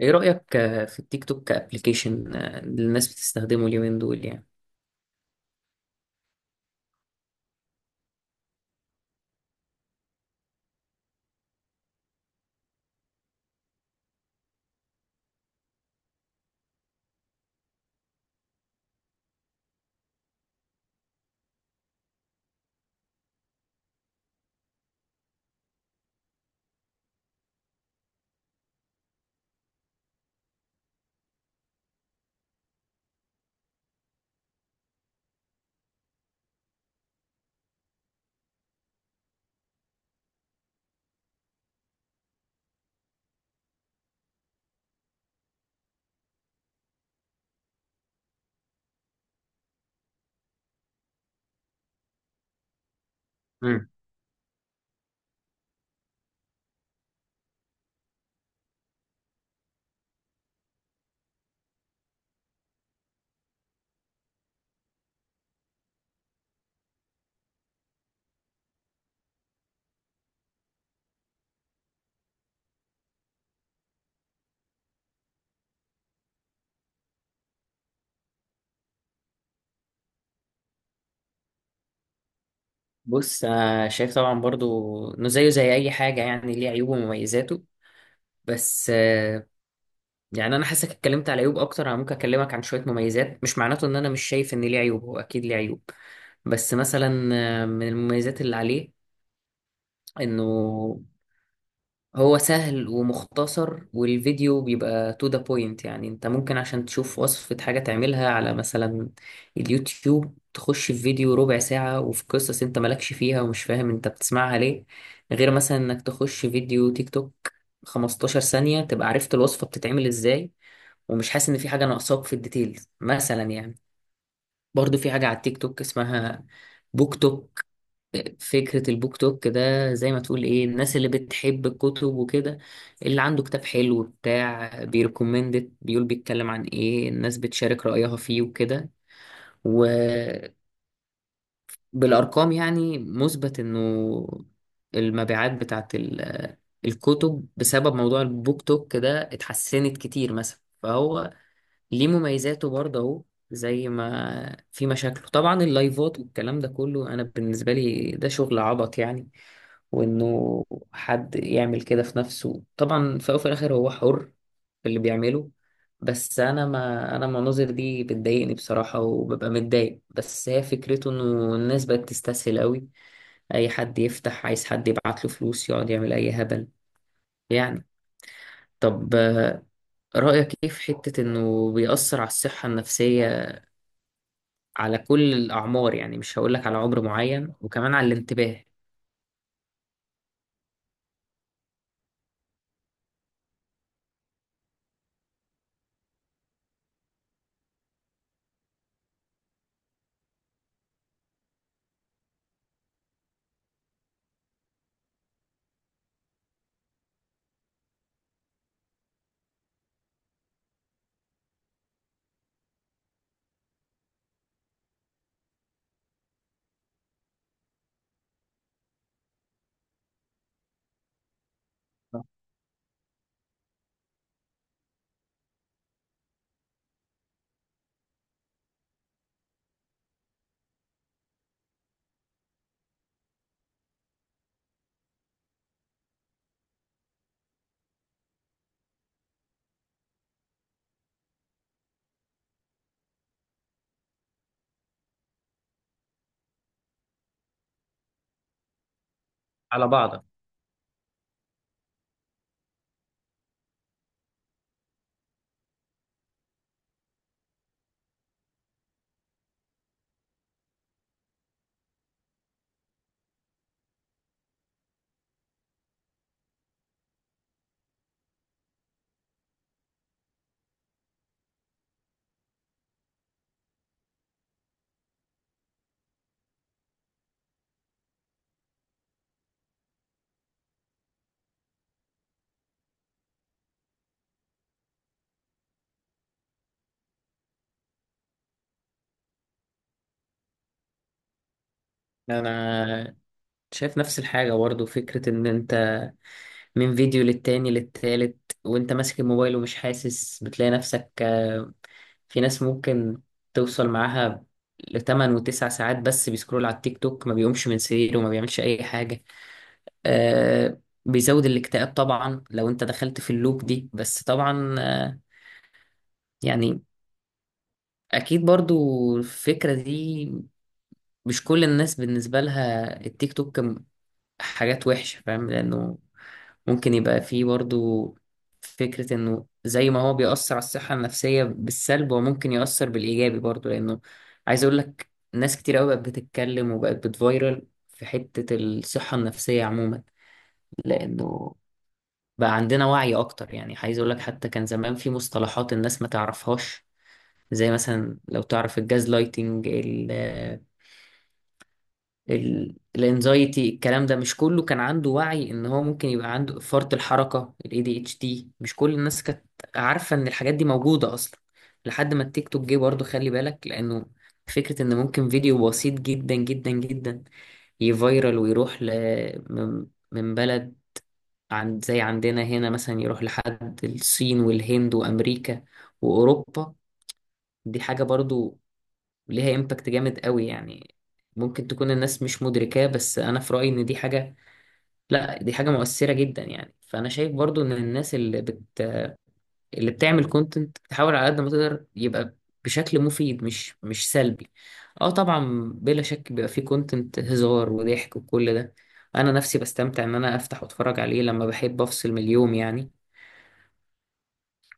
ايه رأيك في التيك توك كابليكيشن، اللي الناس بتستخدمه اليومين دول يعني؟ مم. بص، شايف طبعا برضو انه زيه زي اي حاجة، يعني ليه عيوبه ومميزاته. بس يعني انا حاسك اتكلمت على عيوب اكتر، انا ممكن اكلمك عن شوية مميزات. مش معناته ان انا مش شايف ان ليه عيوب، هو اكيد ليه عيوب. بس مثلا من المميزات اللي عليه، انه هو سهل ومختصر، والفيديو بيبقى تو ذا بوينت. يعني انت ممكن عشان تشوف وصفة حاجة تعملها على مثلا اليوتيوب، تخش في فيديو ربع ساعة وفي قصص انت مالكش فيها ومش فاهم انت بتسمعها ليه، غير مثلا انك تخش فيديو تيك توك 15 ثانية تبقى عرفت الوصفة بتتعمل ازاي، ومش حاسس ان في حاجة ناقصاك في الديتيلز مثلا يعني. برضو في حاجة على التيك توك اسمها بوك توك. فكرة البوك توك ده زي ما تقول ايه، الناس اللي بتحب الكتب وكده، اللي عنده كتاب حلو بتاع بيركومندت بيقول، بيتكلم عن ايه، الناس بتشارك رأيها فيه وكده. وبالأرقام يعني مثبت انه المبيعات بتاعت الكتب بسبب موضوع البوك توك ده اتحسنت كتير مثلا، فهو ليه مميزاته برضه اهو. زي ما في مشاكله طبعا، اللايفات والكلام ده كله انا بالنسبة لي ده شغل عبط يعني. وانه حد يعمل كده في نفسه، طبعا في الاول وفي الاخر هو حر في اللي بيعمله. بس انا، ما انا المناظر دي بتضايقني بصراحة وببقى متضايق. بس هي فكرته انه الناس بقت تستسهل قوي، اي حد يفتح عايز حد يبعت له فلوس يقعد يعمل اي هبل يعني. طب رأيك ايه في حتة انه بيأثر على الصحة النفسية على كل الأعمار، يعني مش هقولك على عمر معين، وكمان على الانتباه على بعضك؟ انا شايف نفس الحاجة برضه. فكرة إن أنت من فيديو للتاني للتالت، وأنت ماسك الموبايل ومش حاسس، بتلاقي نفسك في ناس ممكن توصل معاها لتمن وتسع ساعات بس بيسكرول على التيك توك، ما بيقومش من سريره وما بيعملش أي حاجة. آه، بيزود الاكتئاب طبعا لو أنت دخلت في اللوب دي. بس طبعا يعني أكيد برضه الفكرة دي، مش كل الناس بالنسبة لها التيك توك حاجات وحشة، فاهم؟ لأنه ممكن يبقى فيه برضو فكرة إنه زي ما هو بيأثر على الصحة النفسية بالسلب، هو ممكن يأثر بالإيجابي برضو. لأنه عايز أقول لك ناس كتير أوي بقت بتتكلم وبقت بتفايرل في حتة الصحة النفسية عموما، لأنه بقى عندنا وعي أكتر. يعني عايز أقول لك، حتى كان زمان في مصطلحات الناس ما تعرفهاش، زي مثلا لو تعرف الجاز لايتنج، الانزايتي، الكلام ده مش كله كان عنده وعي ان هو ممكن يبقى عنده فرط الحركة الاي دي اتش دي. مش كل الناس كانت عارفة ان الحاجات دي موجودة اصلا، لحد ما التيك توك جه. برضه خلي بالك لانه فكرة ان ممكن فيديو بسيط جدا جدا جدا يفيرال ويروح ل... من بلد، عند زي عندنا هنا مثلا، يروح لحد الصين والهند وامريكا واوروبا. دي حاجة برضو وليها امباكت جامد قوي، يعني ممكن تكون الناس مش مدركاه. بس انا في رأيي ان دي حاجة، لا دي حاجة مؤثرة جدا يعني. فانا شايف برضو ان الناس اللي بتعمل كونتنت تحاول على قد ما تقدر يبقى بشكل مفيد، مش سلبي. اه طبعا بلا شك بيبقى فيه كونتنت هزار وضحك وكل ده، انا نفسي بستمتع ان انا افتح واتفرج عليه لما بحب افصل من اليوم يعني.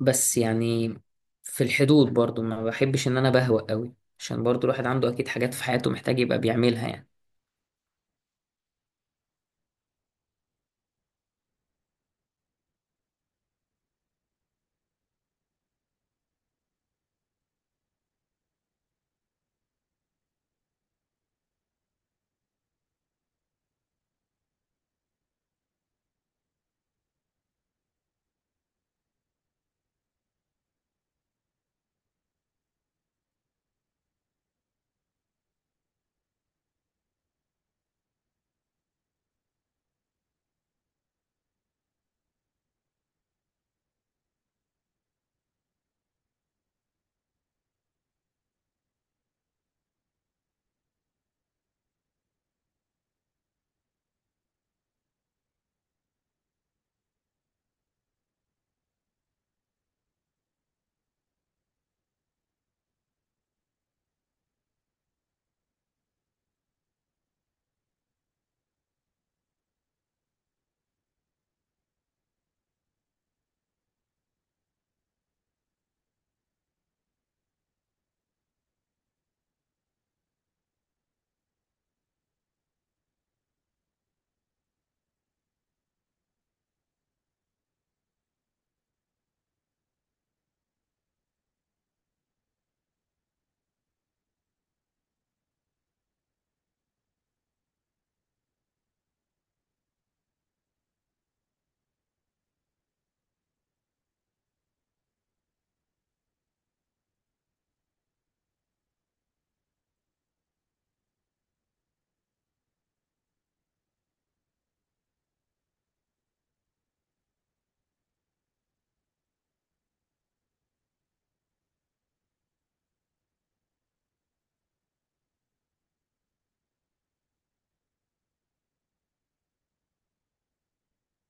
بس يعني في الحدود برضو، ما بحبش ان انا بهوأ قوي عشان برضو الواحد عنده اكيد حاجات في حياته محتاج يبقى بيعملها يعني.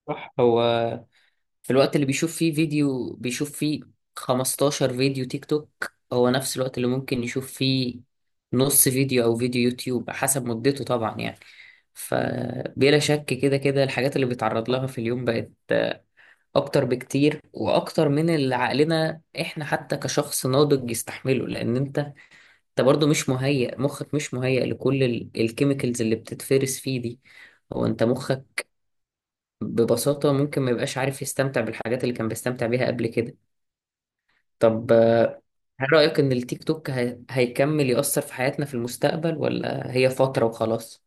صح. هو في الوقت اللي بيشوف فيه فيديو بيشوف فيه 15 فيديو تيك توك، هو نفس الوقت اللي ممكن يشوف فيه نص فيديو او فيديو يوتيوب حسب مدته طبعا يعني. فبلا شك كده كده الحاجات اللي بيتعرض لها في اليوم بقت اكتر بكتير، واكتر من اللي عقلنا احنا حتى كشخص ناضج يستحمله. لان انت برضو مش مهيئ، مخك مش مهيئ لكل الكيميكالز اللي بتتفرس فيه دي. هو انت مخك ببساطة ممكن ما يبقاش عارف يستمتع بالحاجات اللي كان بيستمتع بيها قبل كده. طب هل رأيك إن التيك توك هيكمل يأثر في حياتنا في المستقبل، ولا هي فترة وخلاص؟